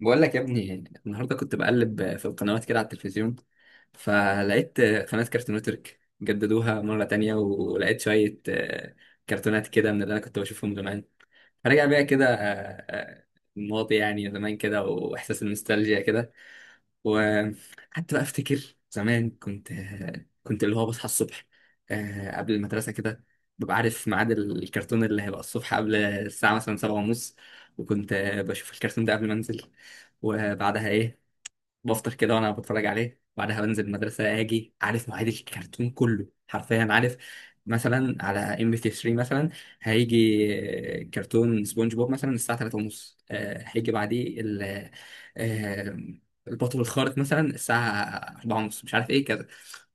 بقول لك يا ابني، النهارده كنت بقلب في القنوات كده على التلفزيون، فلقيت قناة كارتون نتورك جددوها مرة تانية، ولقيت شوية كرتونات كده من اللي أنا كنت بشوفهم زمان. فرجع بيا كده آه، الماضي، يعني زمان كده وإحساس النوستالجيا كده. وحتى بقى افتكر زمان كنت اللي هو بصحى الصبح قبل المدرسة كده، ببقى عارف ميعاد الكرتون اللي هيبقى الصبح قبل الساعة مثلا 7:30. وكنت بشوف الكرتون ده قبل ما انزل. وبعدها ايه، بفطر كده وانا بتفرج عليه، بعدها بنزل المدرسه. اجي عارف مواعيد الكرتون كله حرفيا، عارف مثلا على MP3 مثلا هيجي كرتون سبونج بوب مثلا الساعه 3 ونص، هيجي بعديه ال آه، البطل الخارق مثلا الساعه 4 ونص، مش عارف ايه كذا.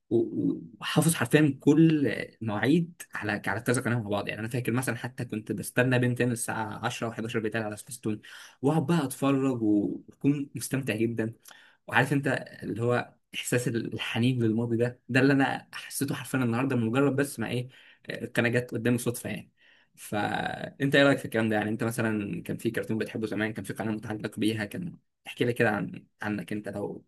و- وحافظ حرفيا كل مواعيد على كذا قناه مع بعض، يعني انا فاكر مثلا حتى كنت بستنى بنتين الساعه 10 و11 بتاعي على سبيستون، واقعد بقى اتفرج واكون مستمتع جدا. وعارف انت اللي هو احساس الحنين للماضي ده اللي انا حسيته حرفيا النهارده، من مجرد بس ما ايه القناه جت قدامي صدفه يعني. فانت ايه رايك في الكلام ده؟ يعني انت مثلا كان في كرتون بتحبه زمان، كان في قناه متعلق بيها، كان احكي لي كده عنك انت لو...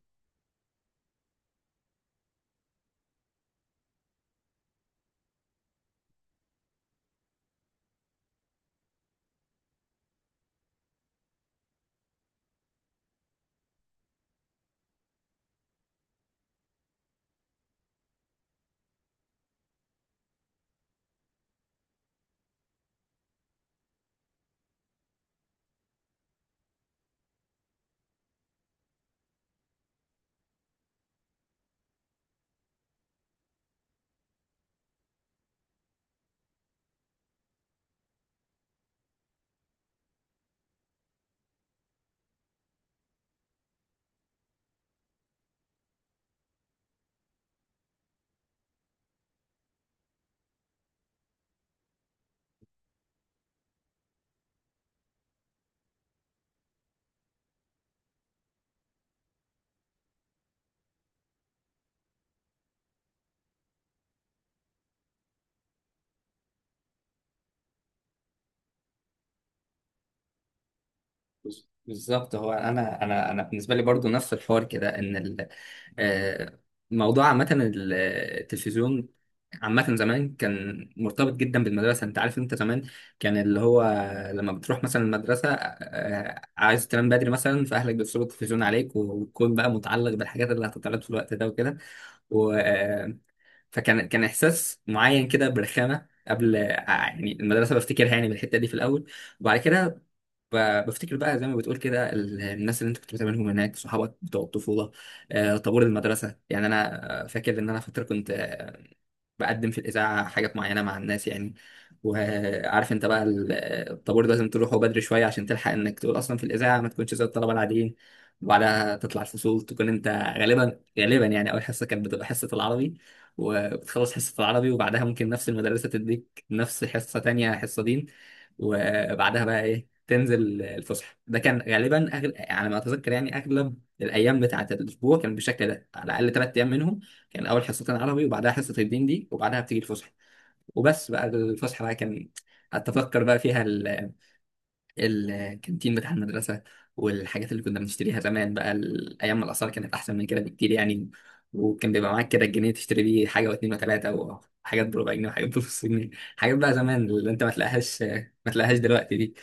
بالظبط، هو انا بالنسبه لي برضو نفس الحوار كده، ان آه، موضوع عامه التلفزيون عامه، زمان كان مرتبط جدا بالمدرسه. انت عارف، انت زمان كان اللي هو لما بتروح مثلا المدرسه عايز تنام بدري مثلا، فاهلك بيصوروا التلفزيون عليك، وتكون بقى متعلق بالحاجات اللي هتتعرض في الوقت ده وكده و آه، فكان احساس معين كده برخامه قبل يعني المدرسه، بفتكرها يعني بالحته دي في الاول. وبعد كده بفتكر بقى زي ما بتقول كده الناس اللي انت كنت بتقابلهم هناك، صحابك بتوع الطفوله، طابور المدرسه. يعني انا فاكر ان انا فتره كنت بقدم في الاذاعه حاجات معينه مع الناس يعني، وعارف انت بقى الطابور ده لازم تروحه بدري شويه عشان تلحق انك تقول اصلا في الاذاعه ما تكونش زي الطلبه العاديين. وبعدها تطلع الفصول تكون انت غالبا، يعني اول حصه كانت بتبقى حصه العربي، وبتخلص حصه العربي وبعدها ممكن نفس المدرسه تديك نفس حصه تانية حصه دين. وبعدها بقى ايه تنزل الفسحه، ده كان غالبا على ما اتذكر، يعني اغلب الايام بتاعه الاسبوع كان بالشكل ده، على الاقل 3 ايام منهم كان اول حصتين عربي وبعدها حصه الدين دي وبعدها بتيجي الفسحه. وبس بقى الفسحه بقى كان اتفكر بقى فيها الكانتين بتاع المدرسه والحاجات اللي كنا بنشتريها زمان بقى ايام ما الاسعار كانت احسن من كده بكتير يعني، وكان بيبقى معاك كده الجنيه تشتري بيه حاجه واتنين وتلاته، وحاجات بربع جنيه وحاجات بنص جنيه. حاجات بقى زمان اللي انت ما تلاقيهاش دلوقتي دي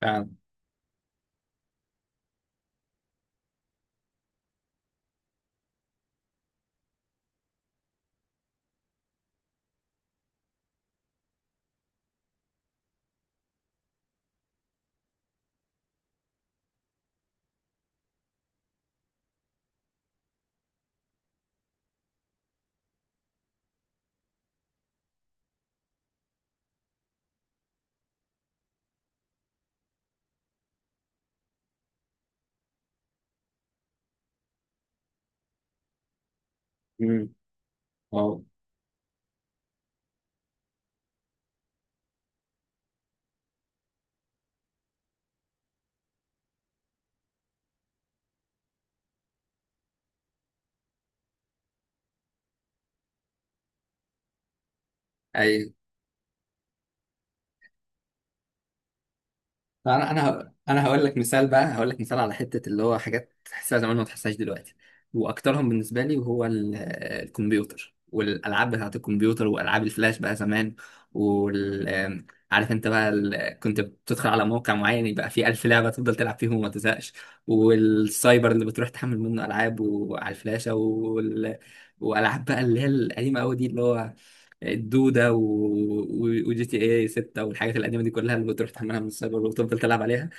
ف... مم. واو. اي انا هقول لك مثال بقى، هقول لك مثال على حته اللي هو حاجات تحسها زمان ما تحسهاش دلوقتي، واكترهم بالنسبه لي وهو الكمبيوتر والالعاب بتاعت الكمبيوتر والعاب الفلاش بقى زمان. وال آم، عارف انت بقى كنت بتدخل على موقع معين يبقى فيه 1000 لعبه تفضل تلعب فيهم وما تزهقش، والسايبر اللي بتروح تحمل منه العاب وعلى الفلاشه والعاب بقى اللي هي القديمه قوي دي اللي هو الدودة وجي تي اي 6 والحاجات القديمة دي كلها اللي بتروح تحملها من السايبر وتفضل تلعب عليها.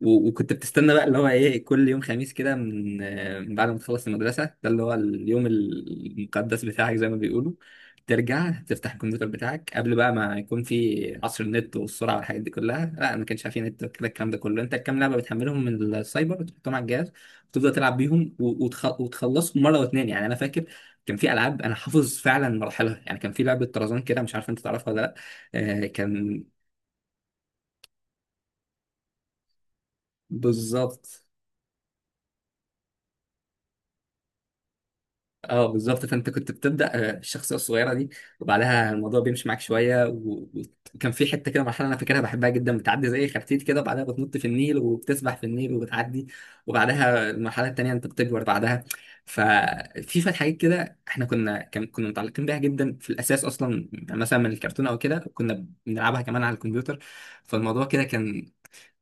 وكنت بتستنى بقى اللي هو ايه، كل يوم خميس كده من من بعد ما تخلص المدرسة، ده اللي هو اليوم المقدس بتاعك زي ما بيقولوا، ترجع تفتح الكمبيوتر بتاعك قبل بقى ما يكون في عصر النت والسرعة والحاجات دي كلها، لا ما كانش في نت كده الكلام ده كله. انت الكام لعبة بتحملهم من السايبر وتحطهم على الجهاز وتفضل تلعب بيهم وتخلصهم مرة واتنين. يعني انا فاكر كان في العاب انا حافظ فعلا مراحلها، يعني كان في لعبة طرزان كده، مش عارف انت تعرفها ولا لا. كان... بالظبط اه بالظبط، فانت كنت بتبدا الشخصيه الصغيره دي، وبعدها الموضوع بيمشي معاك شويه وكان في حته كده مرحله انا فاكرها بحبها جدا، بتعدي زي خرتيت كده وبعدها بتنط في النيل وبتسبح في النيل وبتعدي، وبعدها المرحله التانيه انت بتكبر بعدها. ففي شويه حاجات كده احنا كنا متعلقين بيها جدا في الاساس اصلا، يعني مثلا من الكرتون او كده كنا بنلعبها كمان على الكمبيوتر. فالموضوع كده كان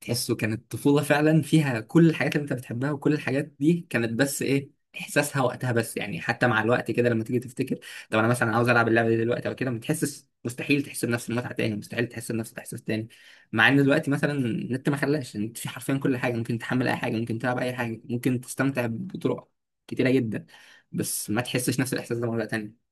تحسه كانت طفولة فعلا، فيها كل الحاجات اللي انت بتحبها، وكل الحاجات دي كانت بس ايه احساسها وقتها بس. يعني حتى مع الوقت كده لما تيجي تفتكر طب انا مثلا عاوز العب اللعبة دي دلوقتي او كده، ما تحسش، مستحيل تحس بنفس المتعة تاني، مستحيل تحس بنفس الاحساس تاني. مع ان دلوقتي مثلا النت ما خلاش، النت في حرفيا كل حاجة، ممكن تحمل اي حاجة، ممكن تلعب اي حاجة، ممكن تستمتع بطرق كتيرة جدا، بس ما تحسش نفس الاحساس ده مرة تانية.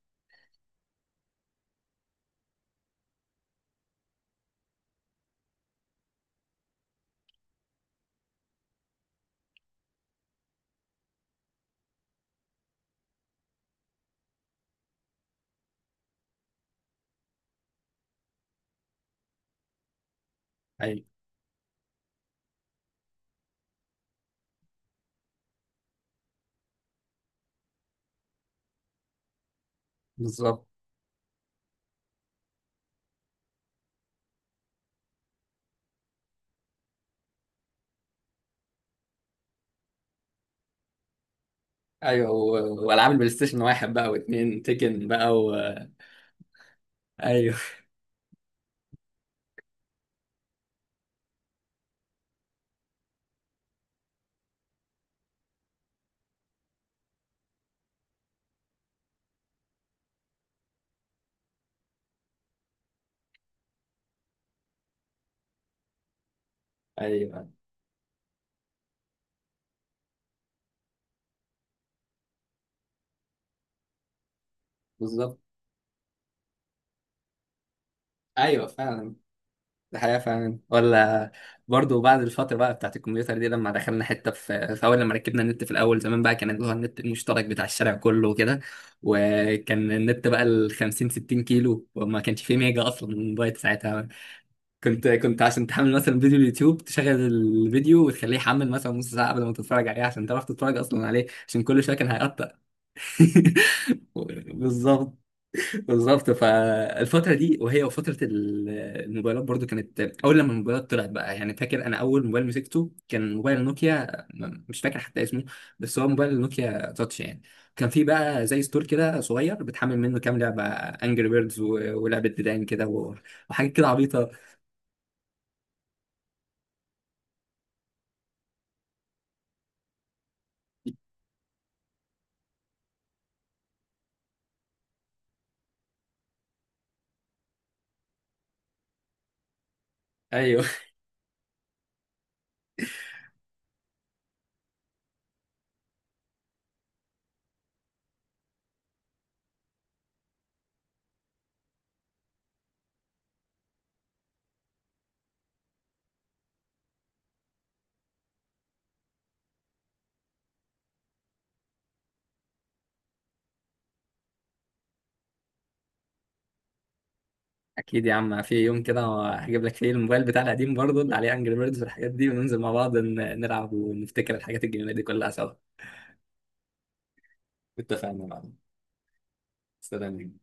ايوه بالظبط. ايوه والعاب البلاي ستيشن واحد بقى واثنين تيكن بقى ايوه. ايوه، بالظبط. ايوه فعلا، ده حقيقه فعلا ولا؟ برضو بعد الفتره بقى بتاعت الكمبيوتر دي، لما دخلنا حته في اول لما ركبنا النت في الاول زمان، بقى كان اللي هو النت المشترك بتاع الشارع كله وكده، وكان النت بقى ال 50 60 كيلو، وما كانش فيه ميجا اصلا موبايل ساعتها. كنت عشان تحمل مثلا فيديو اليوتيوب، تشغل الفيديو وتخليه يحمل مثلا نص ساعه قبل ما تتفرج عليه عشان تعرف تتفرج اصلا عليه، عشان كل شويه كان هيقطع. بالظبط، بالظبط. فالفترة دي وهي وفترة الموبايلات، برضو كانت أول لما الموبايلات طلعت بقى، يعني فاكر أنا أول موبايل مسكته كان موبايل نوكيا، مش فاكر حتى اسمه، بس هو موبايل نوكيا تاتش يعني. كان فيه بقى زي ستور كده صغير، بتحمل منه كام لعبة أنجري بيردز ولعبة ديدان كده وحاجات كده عبيطة. أيوه. أكيد يا عم، في يوم كده هجيب لك فيه الموبايل بتاع القديم برضو اللي عليه أنجري بيردز والحاجات دي، وننزل مع بعض نلعب ونفتكر الحاجات الجميلة دي كلها سوا. اتفقنا يا معلم. سلام.